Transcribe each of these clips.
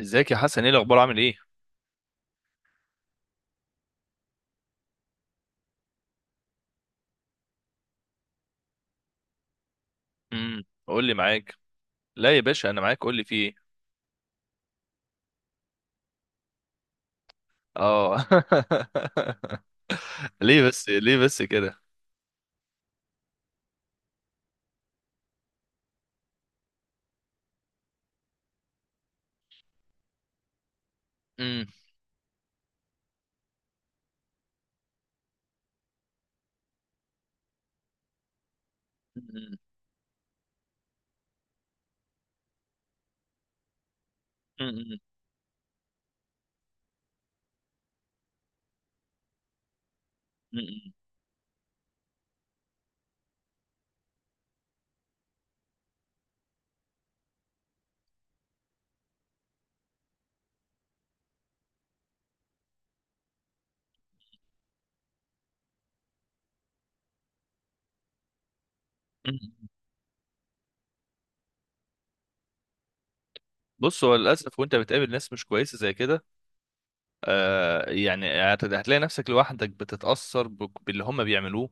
ازيك يا حسن، ايه الاخبار؟ عامل ايه؟ قول لي، معاك. لا يا باشا، انا معاك، قول لي في ايه؟ اه. ليه بس كده؟ امم بص، هو للاسف وانت بتقابل ناس مش كويسه زي كده، يعني، هتلاقي نفسك لوحدك، بتتاثر باللي هم بيعملوه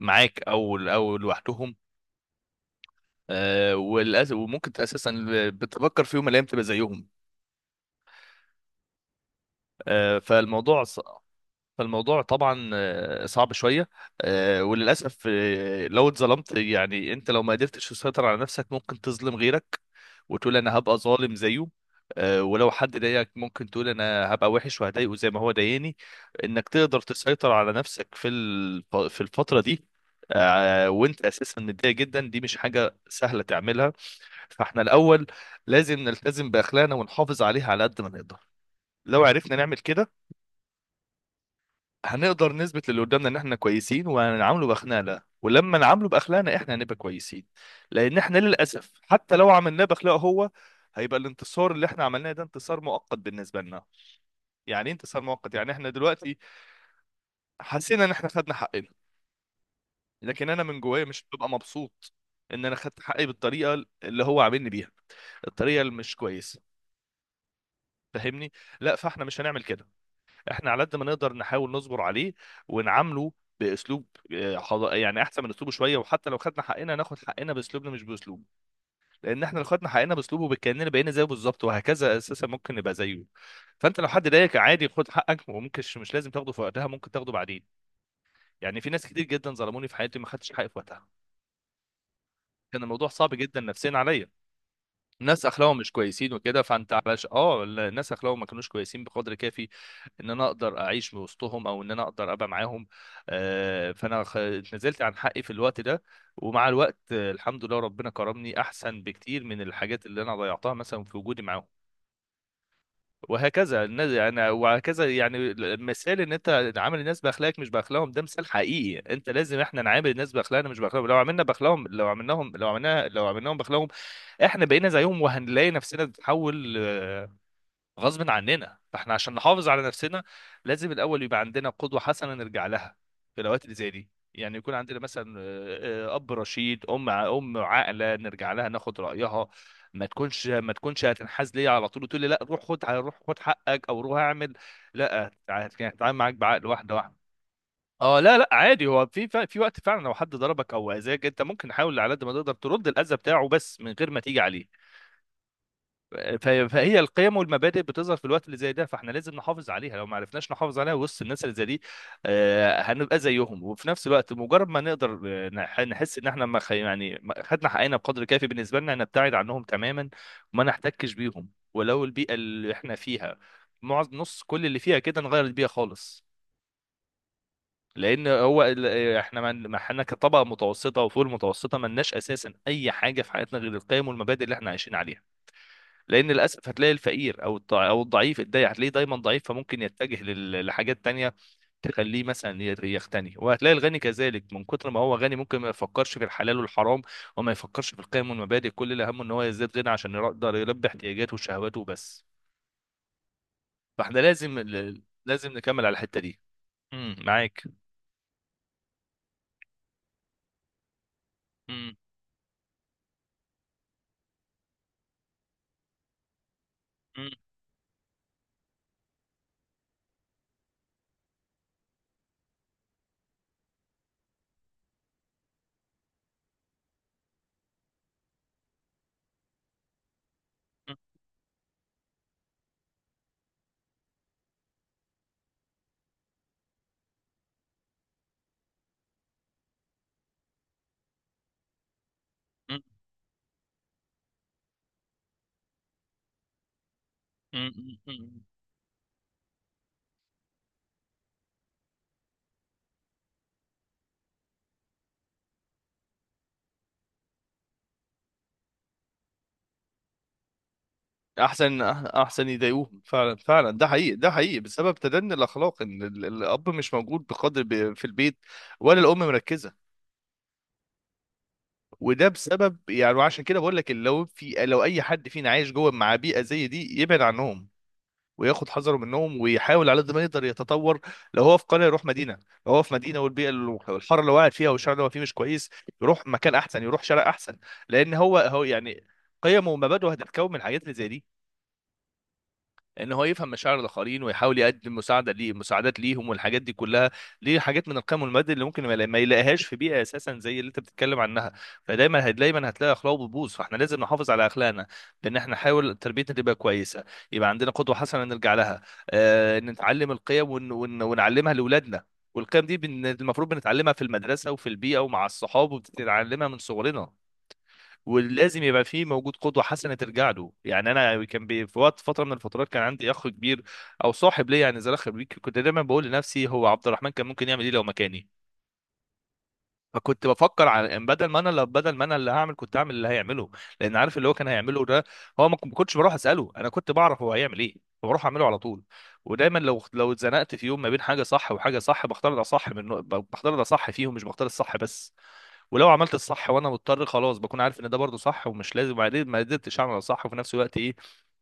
معاك او لوحدهم. وللاسف، وممكن اساسا بتفكر فيهم الايام تبقى زيهم. آه فالموضوع صعب فالموضوع طبعا صعب شويه. وللاسف، لو اتظلمت يعني انت لو ما قدرتش تسيطر على نفسك ممكن تظلم غيرك وتقول انا هبقى ظالم زيه. ولو حد ضايقك ممكن تقول انا هبقى وحش وهضايقه زي ما هو ضايقني. انك تقدر تسيطر على نفسك في الفتره دي. وانت اساسا متضايق جدا، دي مش حاجه سهله تعملها. فاحنا الاول لازم نلتزم باخلاقنا ونحافظ عليها على قد ما نقدر. لو عرفنا نعمل كده هنقدر نثبت للي قدامنا ان احنا كويسين وهنعامله باخلاقنا، ولما نعامله باخلاقنا احنا هنبقى كويسين. لان احنا للاسف حتى لو عملناه باخلاقه هو، هيبقى الانتصار اللي احنا عملناه ده انتصار مؤقت بالنسبه لنا. يعني ايه انتصار مؤقت؟ يعني احنا دلوقتي حسينا ان احنا خدنا حقنا، لكن انا من جوايا مش ببقى مبسوط ان انا خدت حقي بالطريقه اللي هو عاملني بيها، الطريقه اللي مش كويسه. فاهمني؟ لا، فاحنا مش هنعمل كده. احنا على قد ما نقدر نحاول نصبر عليه ونعامله باسلوب، يعني احسن من اسلوبه شويه، وحتى لو خدنا حقنا ناخد حقنا باسلوبنا مش باسلوبه. لان احنا لو خدنا حقنا باسلوبه بكاننا بقينا زيه بالظبط، وهكذا اساسا ممكن نبقى زيه. فانت لو حد ضايقك، عادي، خد حقك، وممكن مش لازم تاخده في وقتها، ممكن تاخده بعدين. يعني في ناس كتير جدا ظلموني في حياتي، ما خدتش حقي في وقتها. كان الموضوع صعب جدا نفسيا عليا. ناس اخلاقهم مش كويسين وكده، فانت علش اه الناس اخلاقهم ما كانوش كويسين بقدر كافي ان انا اقدر اعيش وسطهم او ان انا اقدر ابقى معاهم. فانا نزلت عن حقي في الوقت ده. ومع الوقت الحمد لله ربنا كرمني احسن بكتير من الحاجات اللي انا ضيعتها مثلا في وجودي معاهم. وهكذا الناس، يعني وهكذا يعني مثال ان انت عامل الناس باخلاقك مش باخلاقهم، ده مثال حقيقي. انت لازم احنا نعامل الناس باخلاقنا مش باخلاقهم. لو عملنا باخلاقهم لو عملناهم لو عملنا لو عملناهم باخلاقهم، احنا بقينا زيهم وهنلاقي نفسنا بنتحول غصب عننا، فاحنا عشان نحافظ على نفسنا لازم الاول يبقى عندنا قدوه حسنه نرجع لها في الاوقات اللي زي دي. يعني يكون عندنا مثلا اب رشيد، ام عاقله، نرجع لها ناخد رايها. ما تكونش هتنحاز ليا على طول وتقول لي: لا روح خد، حقك، او روح اعمل. لا، هتعامل معاك بعقل واحده واحده. اه لا لا، عادي. هو في في وقت فعلا لو حد ضربك او اذاك انت ممكن تحاول على قد ما تقدر ترد الاذى بتاعه، بس من غير ما تيجي عليه. فهي القيم والمبادئ بتظهر في الوقت اللي زي ده، فاحنا لازم نحافظ عليها. لو ما عرفناش نحافظ عليها وسط الناس اللي زي دي، هنبقى زيهم. وفي نفس الوقت مجرد ما نقدر نحس ان احنا ما خ- يعني ما خدنا حقنا بقدر كافي بالنسبه لنا، نبتعد عنهم تماما وما نحتكش بيهم. ولو البيئه اللي احنا فيها معظم، نص، كل اللي فيها كده، نغير البيئه خالص. لان هو احنا ما احنا كطبقه متوسطه وفوق المتوسطه ما لناش اساسا اي حاجه في حياتنا غير القيم والمبادئ اللي احنا عايشين عليها. لان للاسف هتلاقي الفقير او الضعيف هتلاقيه دايما ضعيف، فممكن يتجه لحاجات تانية تخليه مثلا يغتني، وهتلاقي الغني كذلك من كتر ما هو غني ممكن ما يفكرش في الحلال والحرام وما يفكرش في القيم والمبادئ، كل اللي همه ان هو يزداد غنى عشان يقدر يلبي احتياجاته وشهواته وبس. فاحنا لازم نكمل على الحتة دي. معاك. امم. امم. امم. امم. احسن احسن يضايقوهم فعلا فعلا ده حقيقي ده حقيقي بسبب تدني الاخلاق ان ال- الاب مش موجود بقدر ب- في البيت ولا الام مركزه وده بسبب يعني وعشان كده بقول لك لو في لو اي حد فينا عايش جوه مع بيئه زي دي يبعد عنهم وياخد حذره منهم ويحاول على قد ما يقدر يتطور لو هو في قريه يروح مدينه لو هو في مدينه والبيئه اللي- الحاره اللي قاعد فيها والشارع اللي هو فيه مش كويس يروح مكان احسن يروح شارع احسن لان هو هو يعني قيمه ومبادئه هتتكون من الحاجات اللي زي دي ان هو يفهم مشاعر الاخرين ويحاول يقدم مساعده ليه مساعدات ليهم والحاجات دي كلها دي حاجات من القيم والمبادئ اللي ممكن ما يلا- ما يلاقيهاش في بيئه اساسا زي اللي انت بتتكلم عنها فدايما هت- دايما هتلاقي اخلاق بتبوظ فاحنا لازم نحافظ على اخلاقنا بان احنا نحاول تربيتنا تبقى كويسه يبقى عندنا قدوه حسنه نرجع لها آه نتعلم القيم ون... ون... ونعلمها لاولادنا والقيم دي بن... المفروض بنتعلمها في المدرسه وفي البيئه ومع الصحاب وبتتعلمها من صغرنا ولازم يبقى فيه موجود قدوة حسنة ترجع له يعني أنا كان بي في وقت فترة من الفترات كان عندي أخ كبير أو صاحب ليا يعني زي أخ بيك كنت دايما بقول لنفسي هو عبد الرحمن كان ممكن يعمل إيه لو مكاني فكنت بفكر على إن بدل ما انا اللي بدل ما انا اللي هعمل كنت هعمل اللي هيعمله لان عارف اللي هو كان هيعمله ده هو ما ما كنتش بروح اساله انا كنت بعرف هو هيعمل ايه فبروح اعمله على طول ودايما لو لو اتزنقت في يوم ما بين حاجه صح وحاجه صح بختار ده صح من بختار ده صح فيهم مش بختار الصح بس ولو عملت الصح وانا مضطر خلاص بكون عارف ان ده برضو صح ومش لازم وبعدين ما قدرتش اعمل الصح وفي نفس الوقت ايه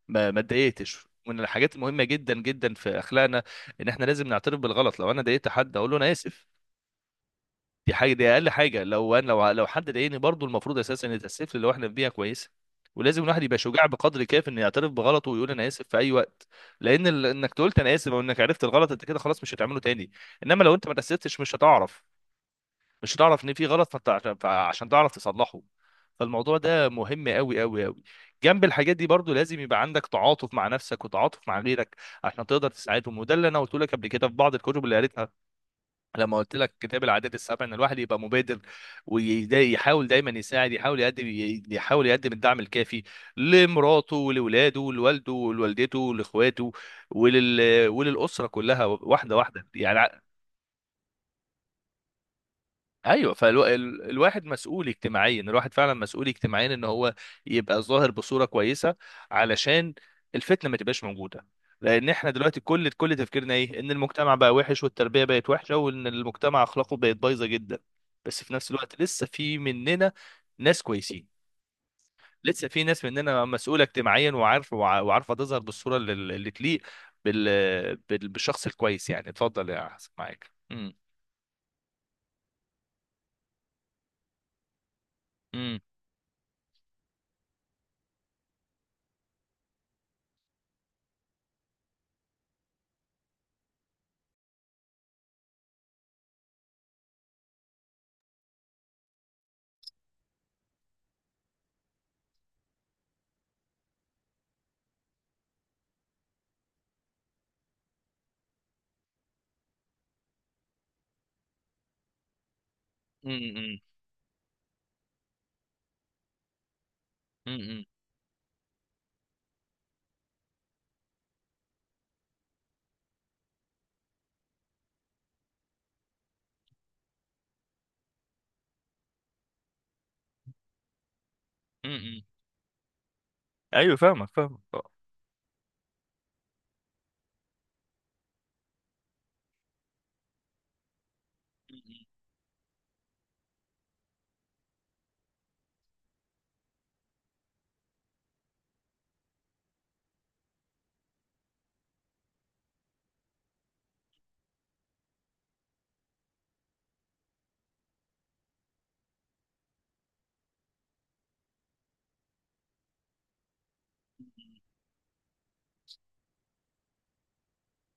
ما ما اتضايقتش ومن الحاجات المهمه جدا جدا في اخلاقنا ان احنا لازم نعترف بالغلط لو انا ضايقت حد اقول له انا اسف دي حاجه دي اقل حاجه لو انا لو لو حد ضايقني برضو المفروض اساسا ان يتاسف لي لو احنا في بيئه كويسه ولازم الواحد يبقى شجاع بقدر كاف انه يعترف بغلطه ويقول انا اسف في اي وقت لان ال- انك قلت انا اسف او انك عرفت الغلط انت كده خلاص مش هتعمله تاني انما لو انت ما تاسفتش مش هتعرف مش هتعرف ان في غلط فانت عشان عشان تعرف تصلحه فالموضوع ده مهم قوي قوي قوي جنب الحاجات دي برضو لازم يبقى عندك تعاطف مع نفسك وتعاطف مع غيرك عشان تقدر تساعدهم وده اللي انا قلت لك قبل كده في بعض الكتب اللي قريتها لما قلت لك كتاب العادات السبع ان الواحد يبقى مبادر ويحاول دايما يساعد يحاول يقدم يحاول يقدم الدعم الكافي لمراته ولولاده لوالده ولوالدته لاخواته ولل... وللاسره كلها واحده واحده يعني ايوه فالواحد مسؤول اجتماعيا الواحد فعلا مسؤول اجتماعيا ان هو يبقى ظاهر بصوره كويسه علشان الفتنه ما تبقاش موجوده لان احنا دلوقتي كل كل تفكيرنا ايه ان المجتمع بقى وحش والتربيه بقت وحشه وان المجتمع اخلاقه بقت بايظه جدا بس في نفس الوقت لسه في مننا ناس كويسين لسه في ناس مننا مسؤوله اجتماعيا وعارف وع- وعارفه تظهر بالصوره اللي اللي تليق بال... بال... بالشخص الكويس يعني اتفضل يا حسن معاك امم امم امم امم. امم. امم. ايوه، فاهمك، فاهمك طبعا. م-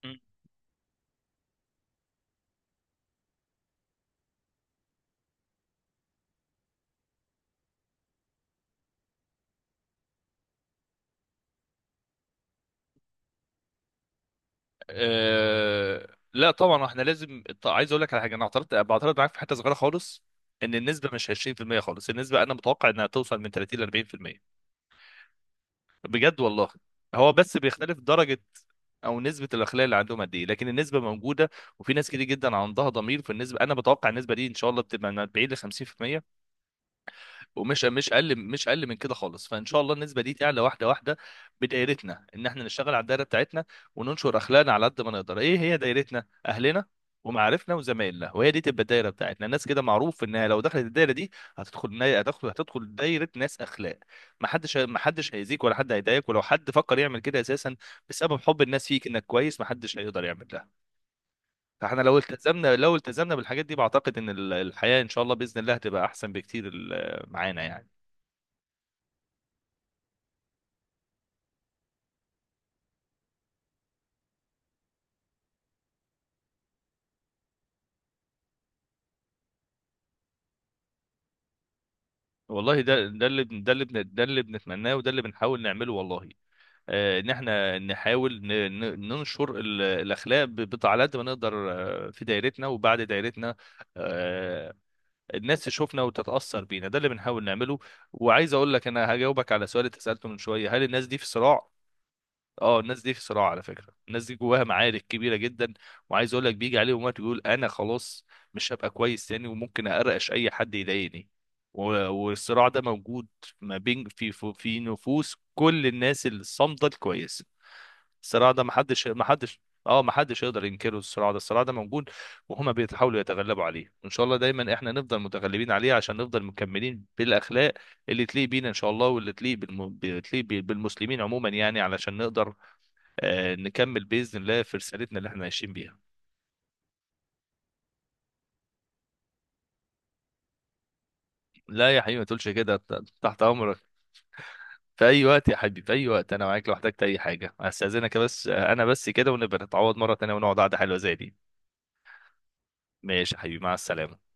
م. لا طبعا احنا لازم، عايز اقول لك على حاجه، انا بعترض معاك في حته صغيره خالص، ان النسبه مش 20% خالص. النسبه انا متوقع انها توصل من 30 ل 40%، بجد والله. هو بس بيختلف درجه، او نسبه الاخلاق اللي عندهم قد ايه، لكن النسبه موجوده. وفي ناس كتير جدا عندها ضمير في النسبه، انا بتوقع النسبه دي ان شاء الله بتبقى من 40 ل 50%، ومش مش اقل، من كده خالص. فان شاء الله النسبه دي تعلى واحده واحده بدايرتنا، ان احنا نشتغل على الدايره بتاعتنا وننشر اخلاقنا على قد ما نقدر. ايه هي دايرتنا؟ اهلنا ومعارفنا وزمايلنا، وهي دي تبقى الدايره بتاعتنا. الناس كده معروف انها لو دخلت الدايره دي، هتدخل دايره ناس اخلاق. ما حدش هيأذيك ولا حد هيضايقك، ولو حد فكر يعمل كده اساسا، بسبب حب الناس فيك انك كويس، ما حدش هيقدر يعمل ده. فاحنا لو التزمنا بالحاجات دي بعتقد ان الحياه ان شاء الله باذن الله هتبقى احسن بكتير معانا يعني. والله، ده اللي بنتمناه وده اللي بنحاول نعمله والله. ان احنا نحاول ننشر الاخلاق على قد ما نقدر، في دايرتنا وبعد دايرتنا. آه، الناس تشوفنا وتتاثر بينا، ده اللي بنحاول نعمله. وعايز اقول لك انا هجاوبك على سؤال انت سالته من شويه: هل الناس دي في صراع؟ اه، الناس دي في صراع. على فكره الناس دي جواها معارك كبيره جدا. وعايز اقول لك بيجي عليهم وقت يقول: انا خلاص مش هبقى كويس تاني، وممكن اقرقش اي حد يضايقني. و- والصراع ده موجود ما بين، في في نفوس كل الناس الصامده الكويسه. الصراع ده محدش محدش اه محدش يقدر ينكره. الصراع ده موجود، وهما بيحاولوا يتغلبوا عليه، وان شاء الله دايما احنا نفضل متغلبين عليه عشان نفضل مكملين بالاخلاق اللي تليق بينا ان شاء الله، بتليق بالمسلمين عموما يعني، علشان نقدر نكمل باذن الله في رسالتنا اللي احنا عايشين بيها. لا يا حبيبي، ما تقولش كده. تحت امرك في اي وقت يا حبيبي، في اي وقت انا معاك، لو احتجت اي حاجه استاذنك بس. انا بس كده، ونبقى نتعوض مره تانية ونقعد قعده حلوه زي دي. ماشي يا حبيبي، مع السلامه.